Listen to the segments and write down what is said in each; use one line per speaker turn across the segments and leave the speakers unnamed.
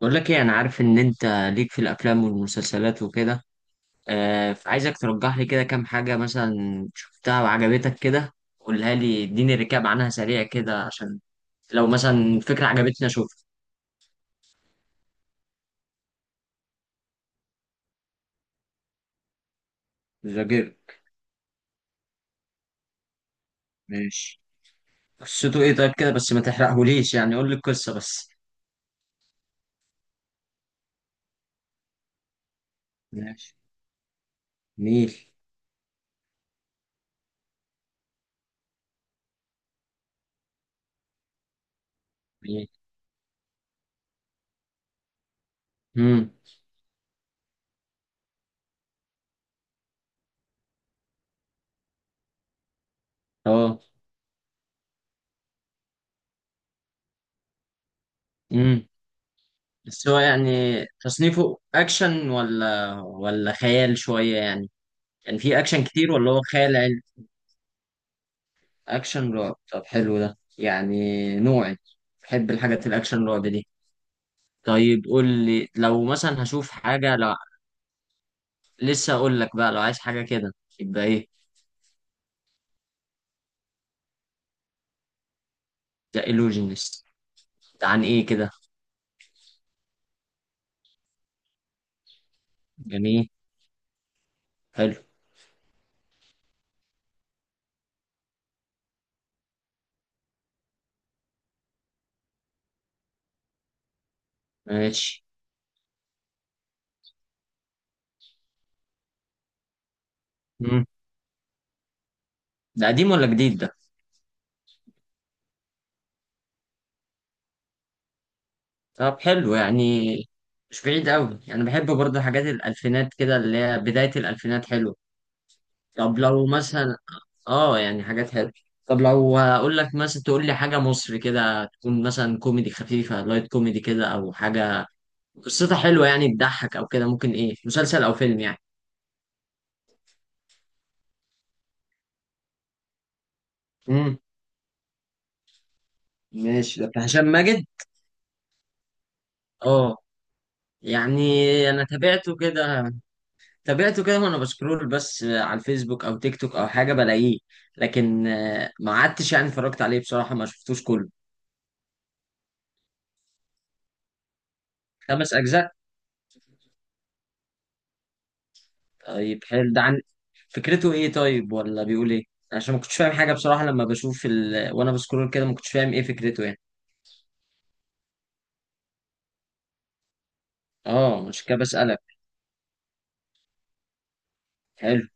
بقول لك ايه؟ انا عارف ان انت ليك في الافلام والمسلسلات وكده، فعايزك ترجح لي كده كام حاجه مثلا شفتها وعجبتك كده، قولها لي، اديني ريكاب عنها سريع كده، عشان لو مثلا فكره عجبتني اشوفها. ذاكر. ماشي. قصته ايه طيب كده؟ بس ما تحرقهوليش، يعني قول لي القصه بس. ماشي. نيل. نيل. امم. اه. امم. بس هو يعني تصنيفه اكشن ولا خيال شويه يعني؟ يعني في اكشن كتير ولا هو خيال علمي؟ اكشن رعب؟ طب حلو ده يعني، نوعي. بحب الحاجات الاكشن رعب دي. طيب قول لي لو مثلا هشوف حاجه، لو لسه اقول لك بقى، لو عايز حاجه كده يبقى ايه؟ ذا illusionist. ده عن ايه كده؟ جميل. حلو. ماشي. مم. ده قديم ولا جديد ده؟ طب حلو يعني، مش بعيد قوي. انا بحب برضه حاجات الالفينات كده، اللي هي بدايه الالفينات حلوه. طب لو مثلا، اه يعني حاجات حلوه. طب لو اقول لك مثلا تقول لي حاجه مصري كده، تكون مثلا كوميدي خفيفه، لايت كوميدي كده، او حاجه قصتها حلوه يعني تضحك او كده، ممكن ايه مسلسل او فيلم يعني؟ امم. ماشي، ده بتاع هشام ماجد. اه. يعني انا تابعته كده، تابعته كده وانا بسكرول بس على الفيسبوك او تيك توك او حاجه بلاقيه، لكن ما عدتش يعني اتفرجت عليه بصراحه، ما شفتوش كله. 5 اجزاء؟ طيب حلو. ده عن فكرته ايه طيب، ولا بيقول ايه؟ عشان ما كنتش فاهم حاجه بصراحه لما بشوف وانا بسكرول كده، ما كنتش فاهم ايه فكرته يعني. اه، مش كده بسألك. حلو.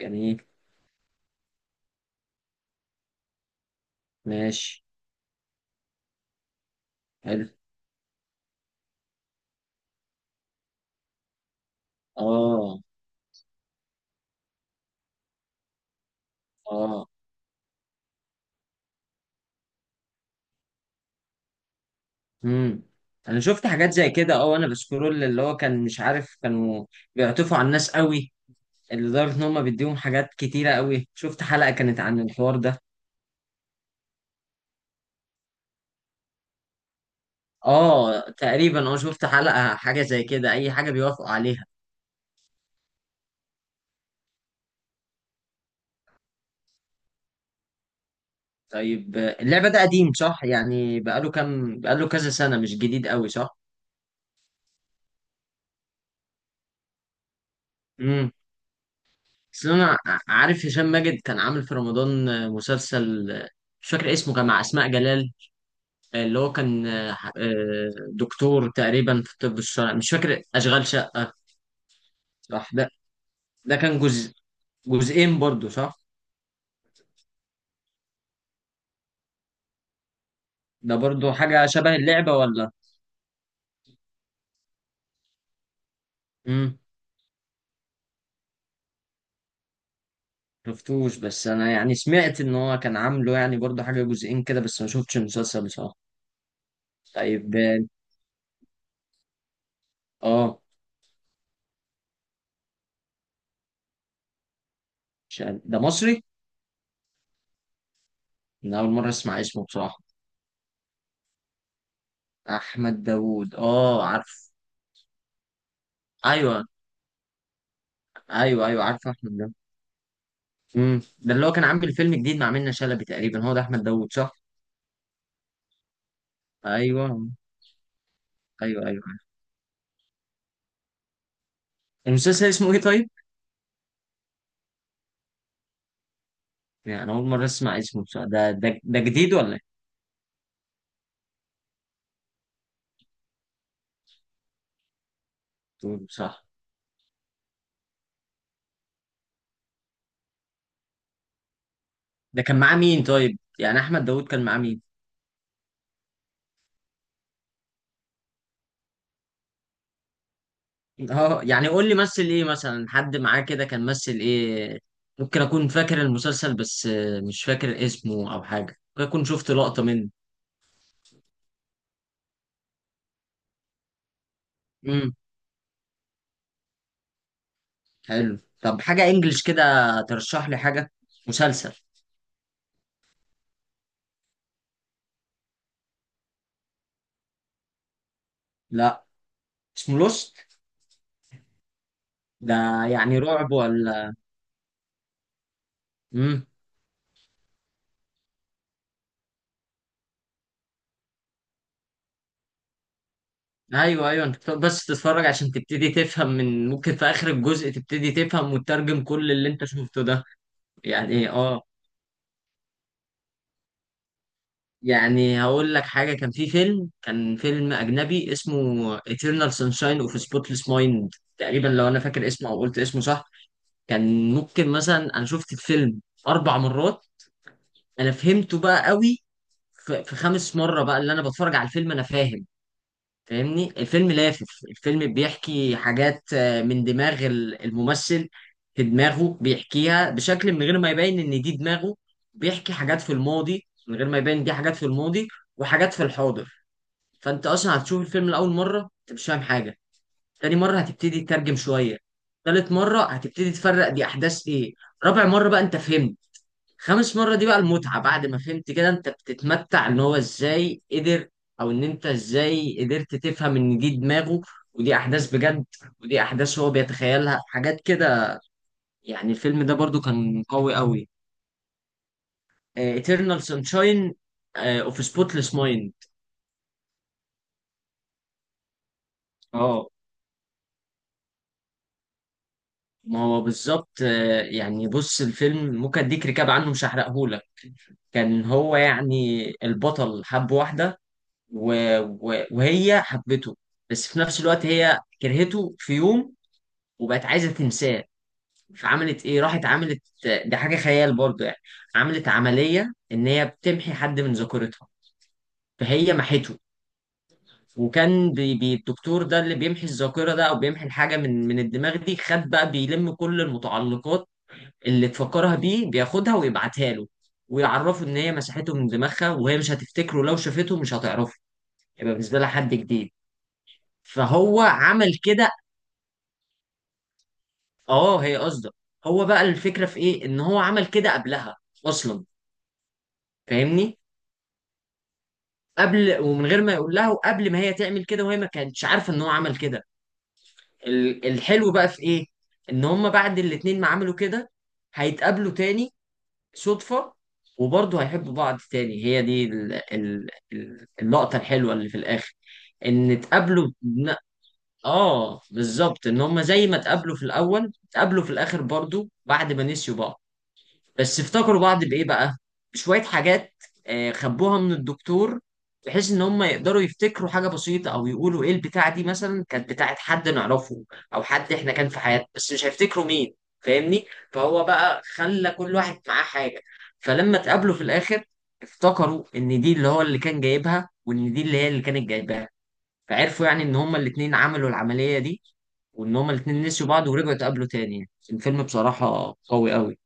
جميل. ماشي. حلو. اه. اه. امم. انا شفت حاجات زي كده، اه، وانا بسكرول، اللي هو كان مش عارف، كانوا بيعطفوا على الناس قوي، اللي لدرجه ان هم بيديهم حاجات كتيره قوي. شفت حلقه كانت عن الحوار ده. اه تقريبا، اه شفت حلقه حاجه زي كده، اي حاجه بيوافقوا عليها. طيب اللعبة ده قديم صح يعني؟ بقاله كام، بقاله كذا سنة، مش جديد قوي صح؟ امم. بس انا عارف هشام ماجد كان عامل في رمضان، مسلسل، مش فاكر اسمه، كان مع أسماء جلال، اللي هو كان دكتور تقريبا في الطب الشرعي، مش فاكر، أشغال شقة. صح ده كان جزء، جزئين برضو صح؟ ده برضو حاجة شبه اللعبة ولا؟ امم. شفتوش، بس انا يعني سمعت ان هو كان عامله يعني برضو حاجة جزئين كده، بس ما شفتش المسلسل بصراحة. طيب اه. آه. مش عارف. ده مصري؟ انا اول مره اسمع اسمه بصراحه. احمد داوود، اه عارف. ايوه. ايوه. ايوه عارف احمد داوود. امم، ده اللي هو كان عامل فيلم جديد مع منة شلبي تقريبا، هو ده احمد داوود صح؟ ايوه. ايوه ايوه. المسلسل اسمه ايه طيب؟ يعني انا اول مره اسمع اسمه بصراحه، ده جديد ولا ايه؟ تقول صح؟ ده كان معاه مين طيب يعني، احمد داوود كان معاه مين؟ اه، يعني قول لي مثل ايه، مثلا حد معاه كده كان مثل ايه، ممكن اكون فاكر المسلسل، بس مش فاكر اسمه او حاجه، ممكن اكون شفت لقطه منه. امم. حلو. طب حاجة انجلش كده ترشح لي حاجة، مسلسل. لا. اسمه لوست ده؟ يعني رعب ولا؟ امم. ايوه ايوه، انت بتقعد بس تتفرج عشان تبتدي تفهم، من ممكن في اخر الجزء تبتدي تفهم وتترجم كل اللي انت شفته ده. يعني اه، يعني هقول لك حاجة، كان فيلم أجنبي اسمه Eternal Sunshine of a Spotless Mind، تقريبا لو أنا فاكر اسمه أو قلت اسمه صح. كان ممكن مثلا أنا شفت الفيلم 4 مرات، انا فهمته بقى قوي في خامس مرة بقى، اللي أنا بتفرج على الفيلم أنا فاهم، فاهمني؟ الفيلم لافف. الفيلم بيحكي حاجات من دماغ الممثل، في دماغه بيحكيها بشكل من غير ما يبين إن دي دماغه، بيحكي حاجات في الماضي من غير ما يبين دي حاجات في الماضي وحاجات في الحاضر. فأنت أصلا هتشوف الفيلم لأول مرة أنت مش فاهم حاجة، تاني مرة هتبتدي تترجم شوية، تالت مرة هتبتدي تفرق دي أحداث إيه، رابع مرة بقى أنت فهمت، خامس مرة دي بقى المتعة. بعد ما فهمت كده انت بتتمتع ان هو ازاي قدر، او ان انت ازاي قدرت تفهم ان دي دماغه ودي احداث بجد ودي احداث هو بيتخيلها حاجات كده. يعني الفيلم ده برضو كان قوي قوي. Eternal Sunshine of a Spotless Mind. اه. ما هو بالظبط، يعني بص الفيلم ممكن اديك ركاب عنه، مش هحرقهولك. كان هو يعني البطل حب واحدة، و... وهي حبته، بس في نفس الوقت هي كرهته في يوم، وبقت عايزه تنساه، فعملت ايه؟ راحت عملت، ده حاجه خيال برضه يعني، عملت عمليه ان هي بتمحي حد من ذاكرتها، فهي محته. وكان الدكتور ده اللي بيمحي الذاكره ده او بيمحي الحاجه من الدماغ دي، خد بقى بيلم كل المتعلقات اللي تفكرها بيه، بياخدها ويبعتها له، ويعرفه ان هي مسحته من دماغها، وهي مش هتفتكره، لو شافته مش هتعرفه، يبقى بالنسبه لها حد جديد، فهو عمل كده. اه، هي قصده. هو بقى الفكرة في ايه؟ ان هو عمل كده قبلها اصلا، فاهمني؟ قبل ومن غير ما يقول لها، وقبل ما هي تعمل كده، وهي ما كانتش عارفة ان هو عمل كده. الحلو بقى في ايه؟ ان هما بعد الاتنين ما عملوا كده، هيتقابلوا تاني صدفة، وبرضه هيحبوا بعض تاني. هي دي اللقطة الحلوة اللي في الاخر، ان اتقابلوا اه بالظبط، ان هما زي ما اتقابلوا في الاول اتقابلوا في الاخر برضه بعد ما نسيوا بعض، بس افتكروا بعض بايه بقى؟ شويه حاجات خبوها من الدكتور، بحيث ان هم يقدروا يفتكروا حاجه بسيطه، او يقولوا ايه البتاعه دي، مثلا كانت بتاعه حد نعرفه او حد احنا كان في حياتنا، بس مش هيفتكروا مين، فاهمني؟ فهو بقى خلى كل واحد معاه حاجه، فلما اتقابلوا في الاخر افتكروا ان دي اللي هو اللي كان جايبها، وان دي اللي هي اللي كانت جايباها، فعرفوا يعني ان هما الاتنين عملوا العمليه دي، وان هما الاتنين نسيوا بعض ورجعوا اتقابلوا تاني. الفيلم بصراحه قوي قوي.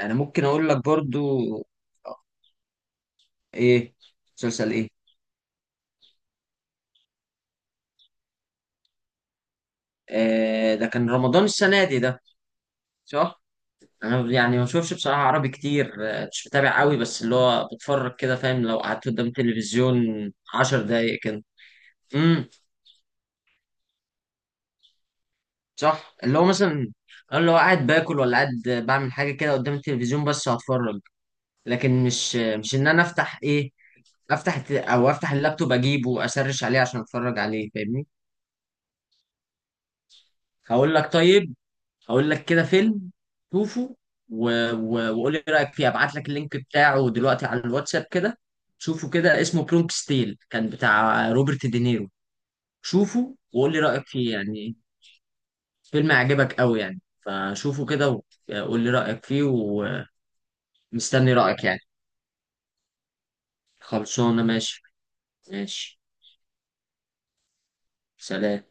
انا ممكن اقول لك برضو. ايه؟ مسلسل ايه؟ آه، ده كان رمضان السنه دي ده. صح. انا يعني ما بشوفش بصراحه عربي كتير، مش متابع قوي، بس اللي هو بتفرج كده فاهم، لو قعدت قدام التلفزيون 10 دقايق كده. امم. صح، اللي هو مثلا أنا، اللي هو قاعد باكل ولا قاعد بعمل حاجه كده قدام التلفزيون بس هتفرج، لكن مش ان انا افتح ايه، افتح او افتح اللابتوب اجيبه واسرش عليه عشان اتفرج عليه، فاهمني؟ هقول لك طيب، هقول لك كده فيلم شوفه، وقول لي رايك فيه، ابعت لك اللينك بتاعه دلوقتي على الواتساب كده، شوفه كده، اسمه برونكس تيل، كان بتاع روبرت دينيرو. شوفه وقول لي رايك فيه يعني، فيلم هيعجبك قوي يعني فشوفه كده، وقول لي رايك فيه، ومستني رايك يعني. خلصانه ماشي. ماشي. سلام.